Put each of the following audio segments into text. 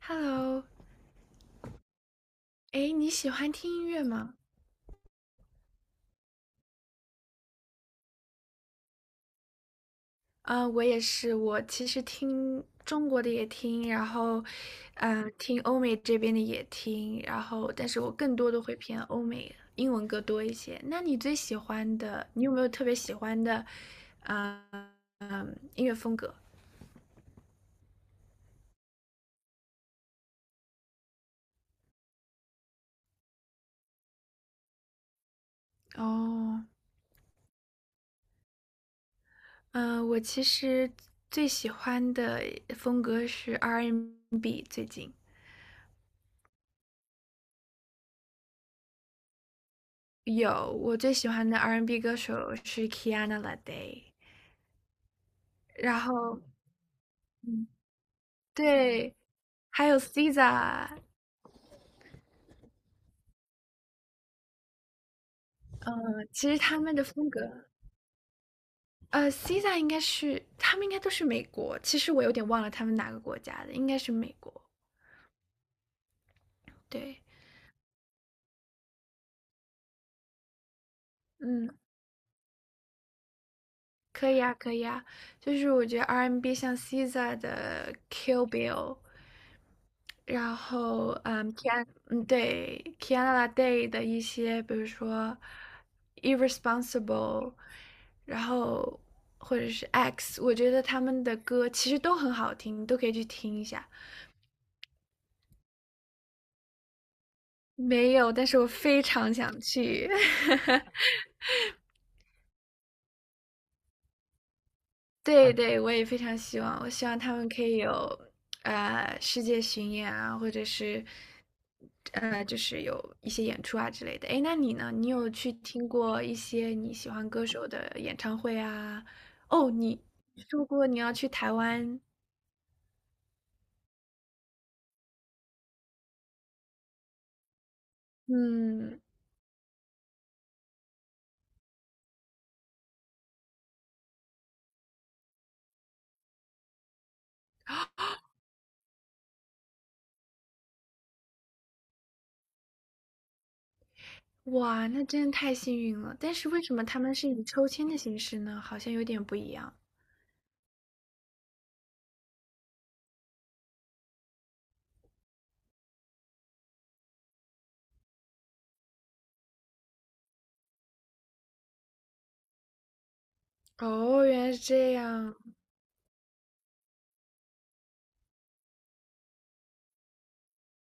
Hello，哎，你喜欢听音乐吗？啊、我也是，我其实听中国的也听，然后，听欧美这边的也听，然后，但是我更多的会偏欧美英文歌多一些。那你最喜欢的，你有没有特别喜欢的，啊、音乐风格？哦，嗯、我其实最喜欢的风格是 R&B，最近有我最喜欢的 R&B 歌手是 Kiana l a d a y 然后，嗯，对，还有 SZA，其实他们的风格，SZA 应该是他们应该都是美国，其实我有点忘了他们哪个国家的，应该是美国。对，嗯，可以啊，可以啊，就是我觉得 R&B 像 SZA 的 Kill Bill，然后，嗯，嗯，对，Kiana Day 的一些，比如说《Irresponsible》，然后或者是《X》，我觉得他们的歌其实都很好听，你都可以去听一下。没有，但是我非常想去。对对，我也非常希望，我希望他们可以有世界巡演啊，或者是就是有一些演出啊之类的。诶，那你呢？你有去听过一些你喜欢歌手的演唱会啊？哦，你说过你要去台湾，嗯，哇，那真的太幸运了。但是为什么他们是以抽签的形式呢？好像有点不一样。哦，原来是这样。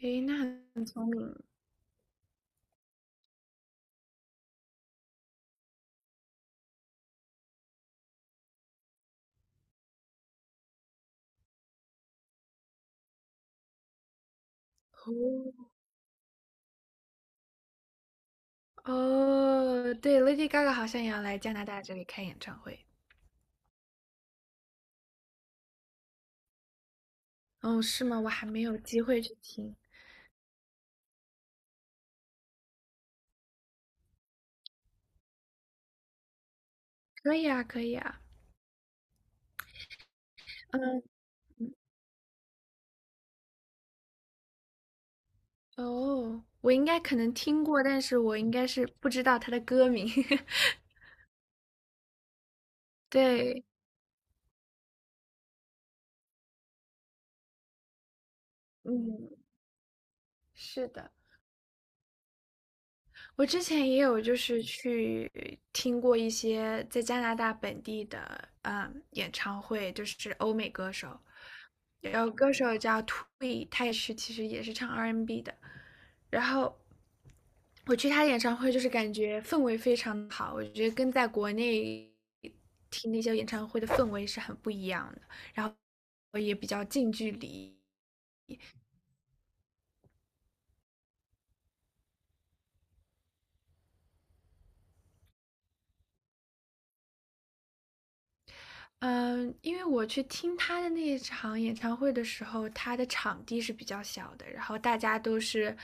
诶，那很哦。哦，对，Lady Gaga 好像也要来加拿大这里开演唱会。哦，是吗？我还没有机会去听。可以啊，可以啊。嗯，哦，我应该可能听过，但是我应该是不知道他的歌名。对，嗯，是的。我之前也有就是去听过一些在加拿大本地的演唱会，就是欧美歌手，有歌手叫 Twee，他也是其实也是唱 R&B 的，然后我去他的演唱会就是感觉氛围非常好，我觉得跟在国内听那些演唱会的氛围是很不一样的，然后也比较近距离。嗯，因为我去听他的那一场演唱会的时候，他的场地是比较小的，然后大家都是，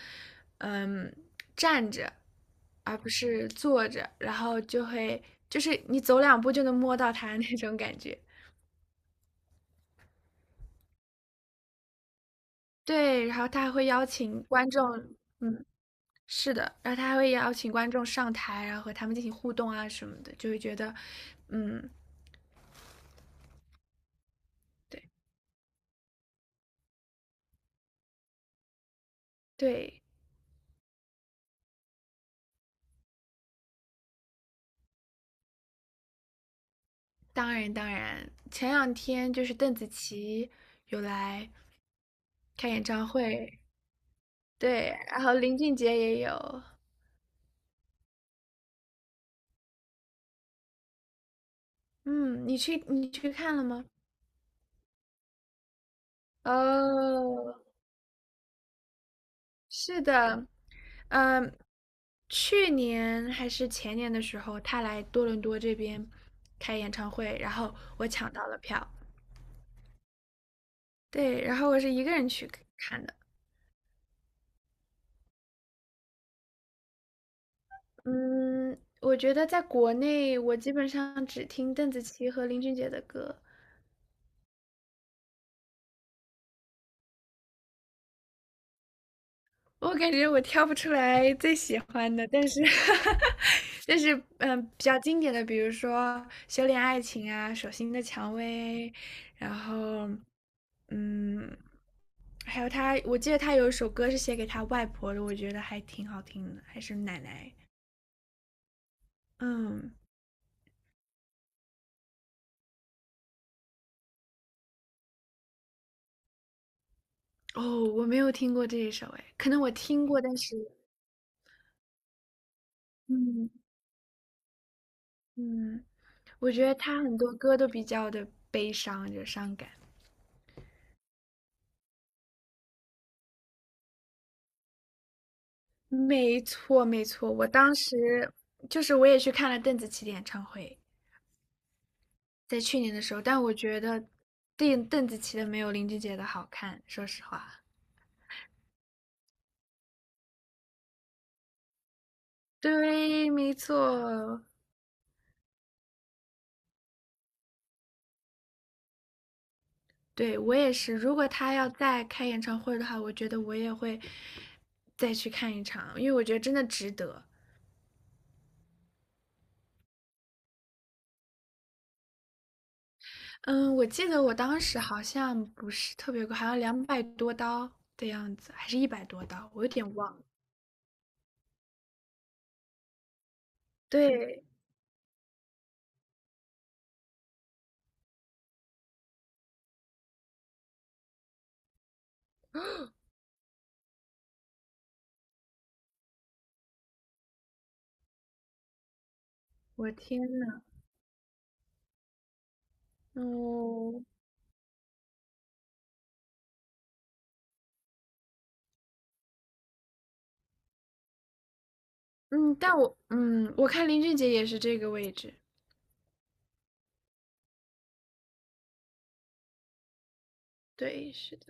嗯，站着，而不是坐着，然后就会就是你走两步就能摸到他那种感觉。对，然后他还会邀请观众，嗯，是的，然后他还会邀请观众上台，然后和他们进行互动啊什么的，就会觉得，嗯，对对，当然当然，前两天就是邓紫棋有来。开演唱会，对，然后林俊杰也有，嗯，你去看了吗？哦，是的，嗯，去年还是前年的时候，他来多伦多这边开演唱会，然后我抢到了票，对，然后我是一个人去看的，嗯，我觉得在国内我基本上只听邓紫棋和林俊杰的歌，我感觉我挑不出来最喜欢的，但是，但是，比较经典的，比如说《修炼爱情》啊，《手心的蔷薇》，然后，嗯，还有他，我记得他有一首歌是写给他外婆的，我觉得还挺好听的，还是奶奶。嗯，哦，我没有听过这一首，哎，可能我听过，但是，嗯嗯，我觉得他很多歌都比较的悲伤，就伤感。没错，没错，我当时就是我也去看了邓紫棋的演唱会，在去年的时候，但我觉得邓紫棋的没有林俊杰的好看，说实话。对，没错，对，我也是。如果他要再开演唱会的话，我觉得我也会再去看一场，因为我觉得真的值得。嗯，我记得我当时好像不是特别贵，好像200多刀的样子，还是100多刀，我有点忘了。对，我天呐，哦，嗯，但我我看林俊杰也是这个位置。对，是的。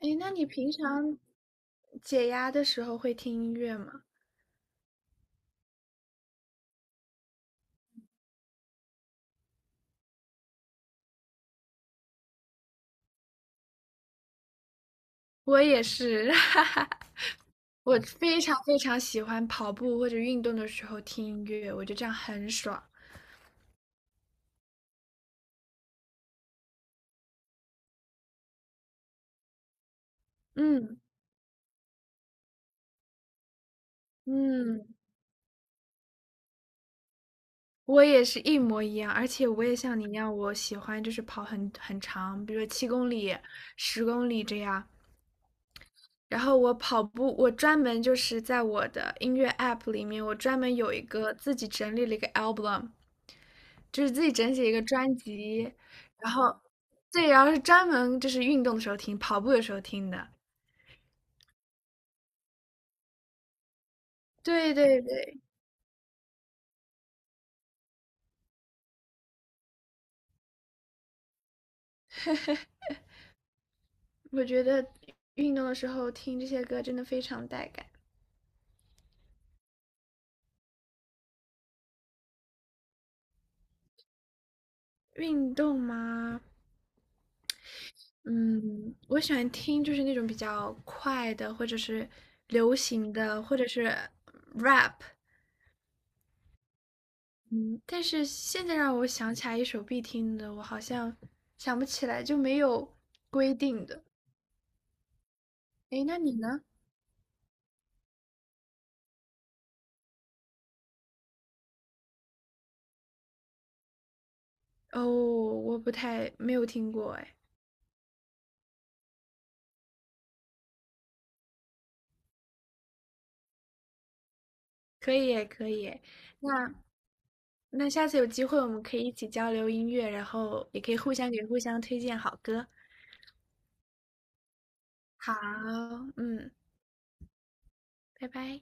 哎，那你平常解压的时候会听音乐吗？我也是，哈哈。我非常非常喜欢跑步或者运动的时候听音乐，我觉得这样很爽。嗯嗯，我也是一模一样，而且我也像你一样，我喜欢就是跑很长，比如说7公里、10公里这样。然后我跑步，我专门就是在我的音乐 app 里面，我专门有一个自己整理了一个 album，就是自己整理一个专辑，然后对，然后是专门就是运动的时候听，跑步的时候听的。对对对，我觉得运动的时候听这些歌真的非常带感。运动吗？嗯，我喜欢听就是那种比较快的，或者是流行的，或者是 rap，嗯，但是现在让我想起来一首必听的，我好像想不起来，就没有规定的。诶，那你呢？哦，我不太，没有听过，诶，可以耶，可以耶。那那下次有机会我们可以一起交流音乐，然后也可以互相给互相推荐好歌。好，嗯，拜拜。